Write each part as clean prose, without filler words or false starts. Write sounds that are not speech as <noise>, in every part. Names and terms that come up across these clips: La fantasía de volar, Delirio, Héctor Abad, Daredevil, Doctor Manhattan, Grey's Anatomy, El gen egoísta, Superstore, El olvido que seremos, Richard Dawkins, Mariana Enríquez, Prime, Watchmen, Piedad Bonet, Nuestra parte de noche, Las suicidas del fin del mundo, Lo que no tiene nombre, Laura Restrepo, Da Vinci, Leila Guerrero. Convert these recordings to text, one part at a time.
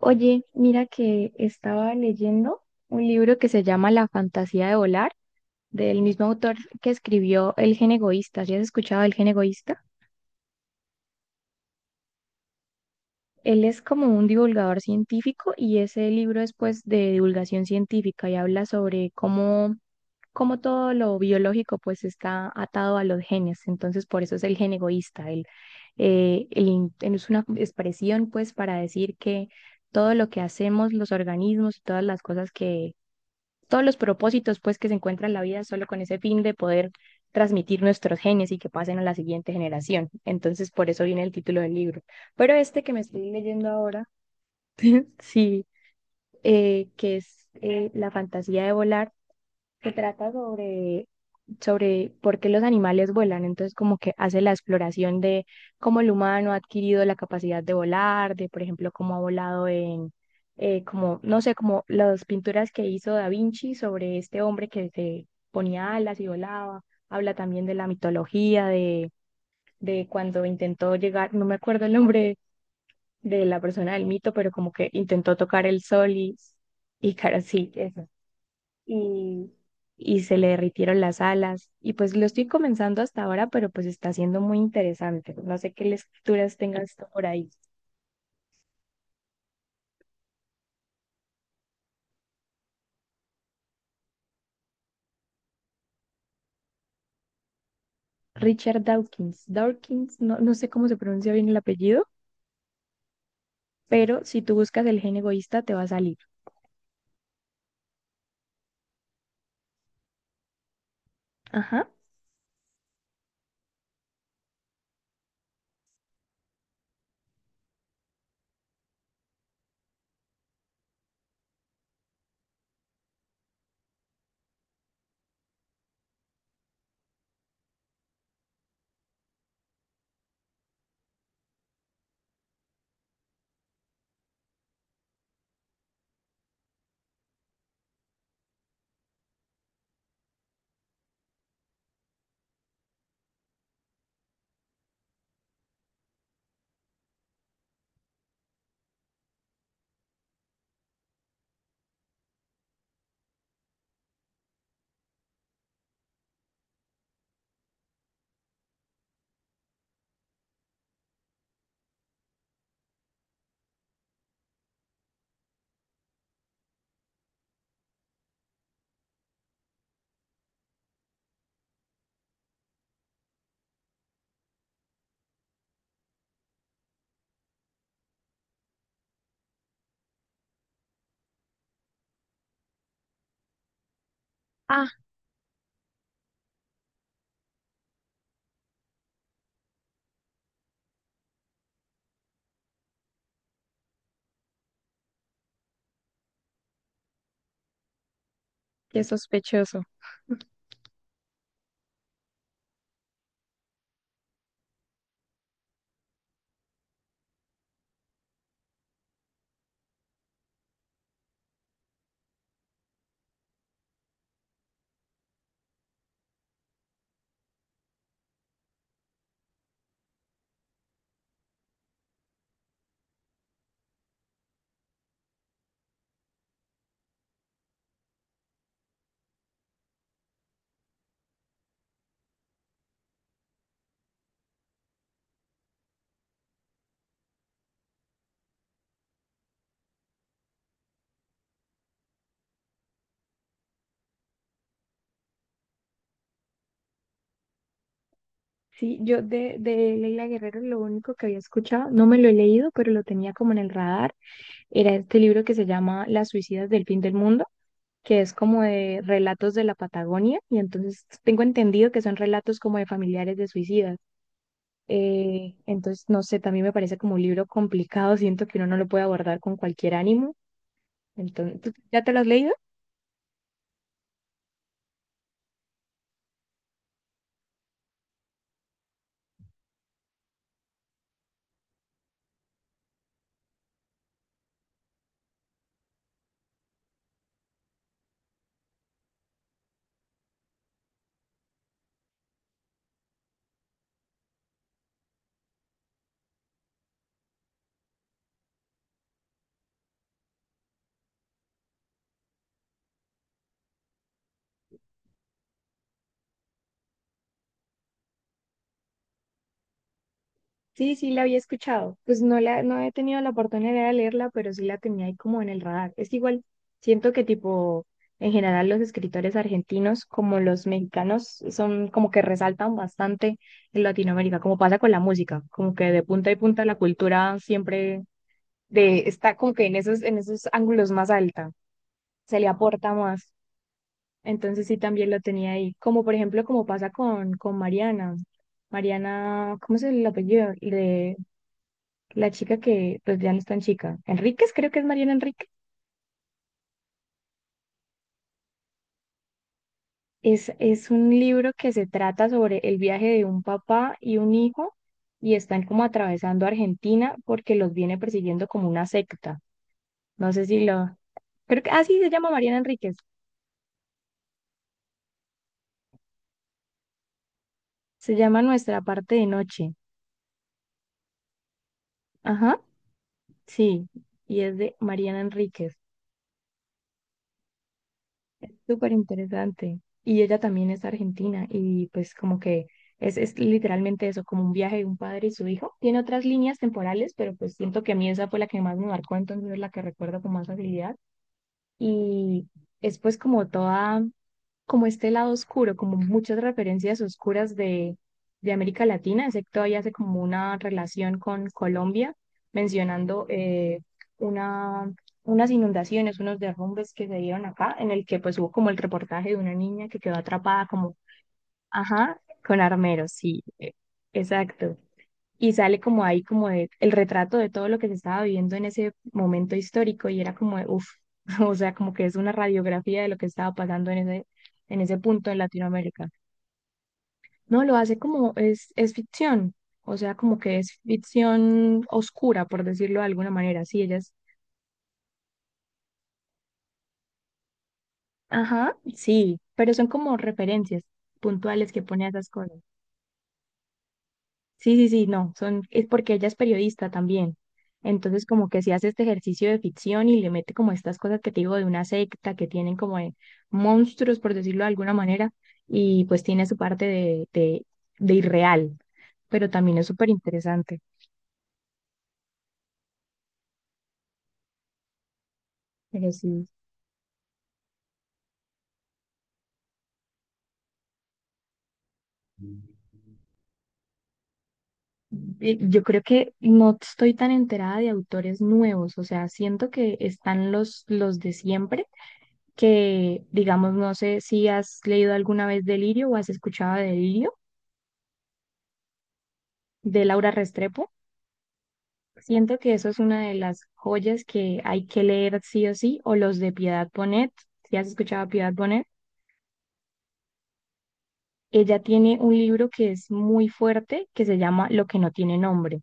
Oye, mira que estaba leyendo un libro que se llama La fantasía de volar, del mismo autor que escribió El gen egoísta. ¿Sí has escuchado El gen egoísta? Él es como un divulgador científico y ese libro es pues de divulgación científica y habla sobre cómo todo lo biológico pues está atado a los genes. Entonces por eso es el gen egoísta. Es una expresión pues para decir que todo lo que hacemos, los organismos y todas las cosas, todos los propósitos pues que se encuentra en la vida solo con ese fin de poder transmitir nuestros genes y que pasen a la siguiente generación. Entonces, por eso viene el título del libro. Pero este que me estoy leyendo ahora, <laughs> sí, que es La fantasía de volar, se trata sobre por qué los animales vuelan. Entonces, como que hace la exploración de cómo el humano ha adquirido la capacidad de volar, de, por ejemplo, cómo ha volado en, como, no sé, como las pinturas que hizo Da Vinci sobre este hombre que se ponía alas y volaba. Habla también de la mitología, de cuando intentó llegar, no me acuerdo el nombre de la persona del mito, pero como que intentó tocar el sol y cara sí, eso y, y se le derritieron las alas. Y pues lo estoy comenzando hasta ahora, pero pues está siendo muy interesante. No sé qué lecturas tengas tú por ahí. Richard Dawkins. Dawkins, no, no sé cómo se pronuncia bien el apellido, pero si tú buscas el gen egoísta te va a salir. Ajá. Ah, qué sospechoso. Sí, yo de Leila Guerrero lo único que había escuchado, no me lo he leído, pero lo tenía como en el radar, era este libro que se llama Las suicidas del fin del mundo, que es como de relatos de la Patagonia, y entonces tengo entendido que son relatos como de familiares de suicidas. Entonces, no sé, también me parece como un libro complicado, siento que uno no lo puede abordar con cualquier ánimo. Entonces, ¿tú ya te lo has leído? Sí, sí, la había escuchado. Pues no la, no he tenido la oportunidad de leerla, pero sí la tenía ahí como en el radar. Es que igual, siento que tipo, en general los escritores argentinos como los mexicanos son como que resaltan bastante en Latinoamérica, como pasa con la música, como que de punta y punta la cultura siempre de, está como que en esos ángulos más alta, se le aporta más. Entonces sí también lo tenía ahí. Como por ejemplo, como pasa con Mariana. Mariana, ¿cómo es el apellido? La chica que pues ya no es tan chica, Enríquez, creo que es Mariana Enríquez, es un libro que se trata sobre el viaje de un papá y un hijo y están como atravesando Argentina porque los viene persiguiendo como una secta. No sé si lo... Creo que... Ah, sí, se llama Mariana Enríquez. Se llama Nuestra parte de noche. Ajá, sí. Y es de Mariana Enríquez. Súper interesante. Y ella también es argentina y pues como que es literalmente eso, como un viaje de un padre y su hijo. Tiene otras líneas temporales, pero pues siento que a mí esa fue la que más me marcó, entonces es la que recuerdo con más facilidad. Y es pues como toda, como este lado oscuro, como muchas referencias oscuras de América Latina. Sé que todavía hace como una relación con Colombia, mencionando una, unas inundaciones, unos derrumbes que se dieron acá, en el que pues hubo como el reportaje de una niña que quedó atrapada como, ajá, con armeros, sí, exacto, y sale como ahí como de- el retrato de todo lo que se estaba viviendo en ese momento histórico y era como de, uff, <laughs> o sea, como que es una radiografía de lo que estaba pasando en ese punto en Latinoamérica. No, lo hace como es ficción, o sea, como que es ficción oscura, por decirlo de alguna manera. Sí, ellas, ajá, sí, pero son como referencias puntuales que pone a esas cosas. Sí, sí, sí, no, son, es porque ella es periodista también. Entonces, como que si hace este ejercicio de ficción y le mete como estas cosas que te digo de una secta que tienen como de monstruos, por decirlo de alguna manera, y pues tiene su parte de irreal, pero también es súper interesante. Pero sí, yo creo que no estoy tan enterada de autores nuevos, o sea, siento que están los de siempre, que digamos, no sé si has leído alguna vez Delirio o has escuchado de Delirio. De Laura Restrepo. Siento que eso es una de las joyas que hay que leer sí o sí, o los de Piedad Bonet. Si has escuchado a Piedad Bonet, ella tiene un libro que es muy fuerte, que se llama Lo que no tiene nombre.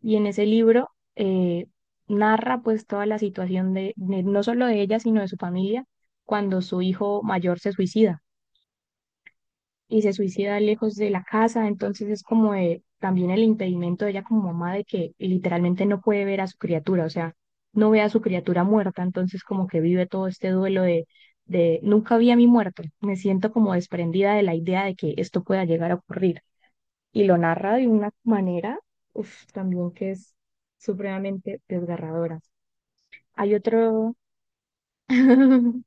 Y en ese libro eh, narra pues toda la situación de- no solo de ella, sino de su familia, cuando su hijo mayor se suicida. Y se suicida lejos de la casa, entonces es como de- también el impedimento de ella como mamá de que literalmente no puede ver a su criatura, o sea, no ve a su criatura muerta, entonces como que vive todo este duelo de nunca vi a mi muerto, me siento como desprendida de la idea de que esto pueda llegar a ocurrir. Y lo narra de una manera, uf, también que es supremamente desgarradora. Hay otro, <laughs>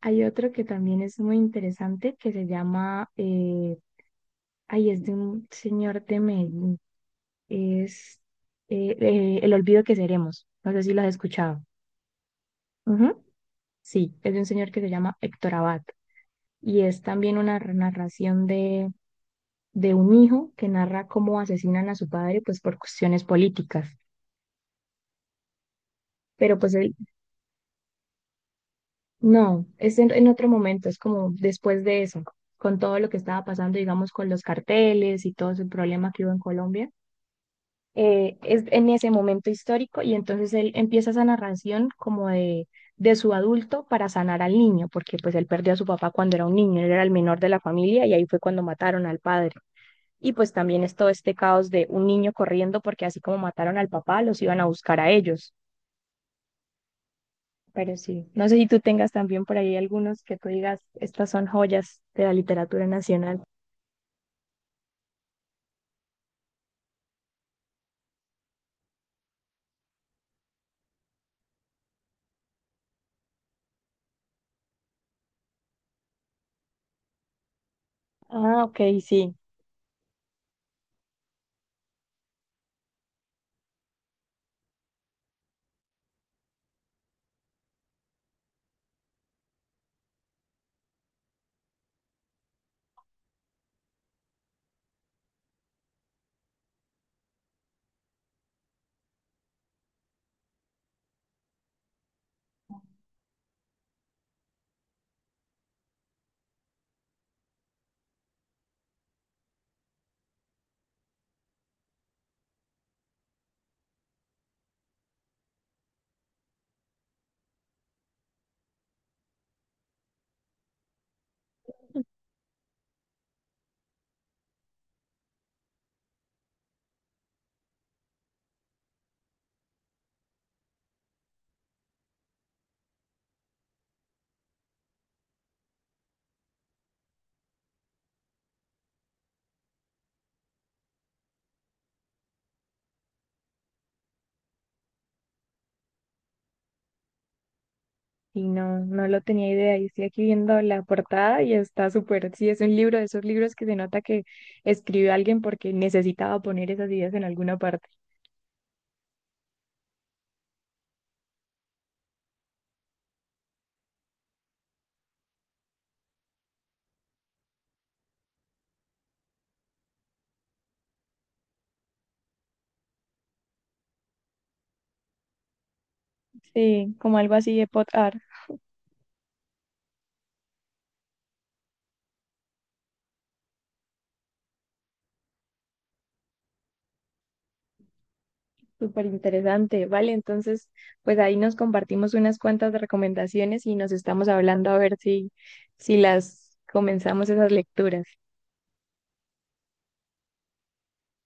hay otro que también es muy interesante que se llama ay, es de un señor de Medellín. Es El olvido que seremos. No sé si lo has escuchado. Ujú. Sí, es de un señor que se llama Héctor Abad. Y es también una narración de un hijo que narra cómo asesinan a su padre, pues por cuestiones políticas. Pero pues él, no, es en otro momento, es como después de eso, con todo lo que estaba pasando, digamos, con los carteles y todo ese problema que hubo en Colombia. Es en ese momento histórico y entonces él empieza esa narración como de su adulto para sanar al niño, porque pues él perdió a su papá cuando era un niño, él era el menor de la familia y ahí fue cuando mataron al padre. Y pues también es todo este caos de un niño corriendo porque así como mataron al papá, los iban a buscar a ellos. Pero sí, no sé si tú tengas también por ahí algunos que tú digas, estas son joyas de la literatura nacional. Ah, ok, sí. Y no, no lo tenía idea. Y estoy aquí viendo la portada y está súper. Sí, es un libro de esos libros que se nota que escribió alguien porque necesitaba poner esas ideas en alguna parte. Sí, como algo así de pot art. Súper interesante. Vale, entonces, pues ahí nos compartimos unas cuantas recomendaciones y nos estamos hablando a ver si, si las comenzamos esas lecturas.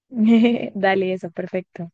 <laughs> Dale, eso, perfecto.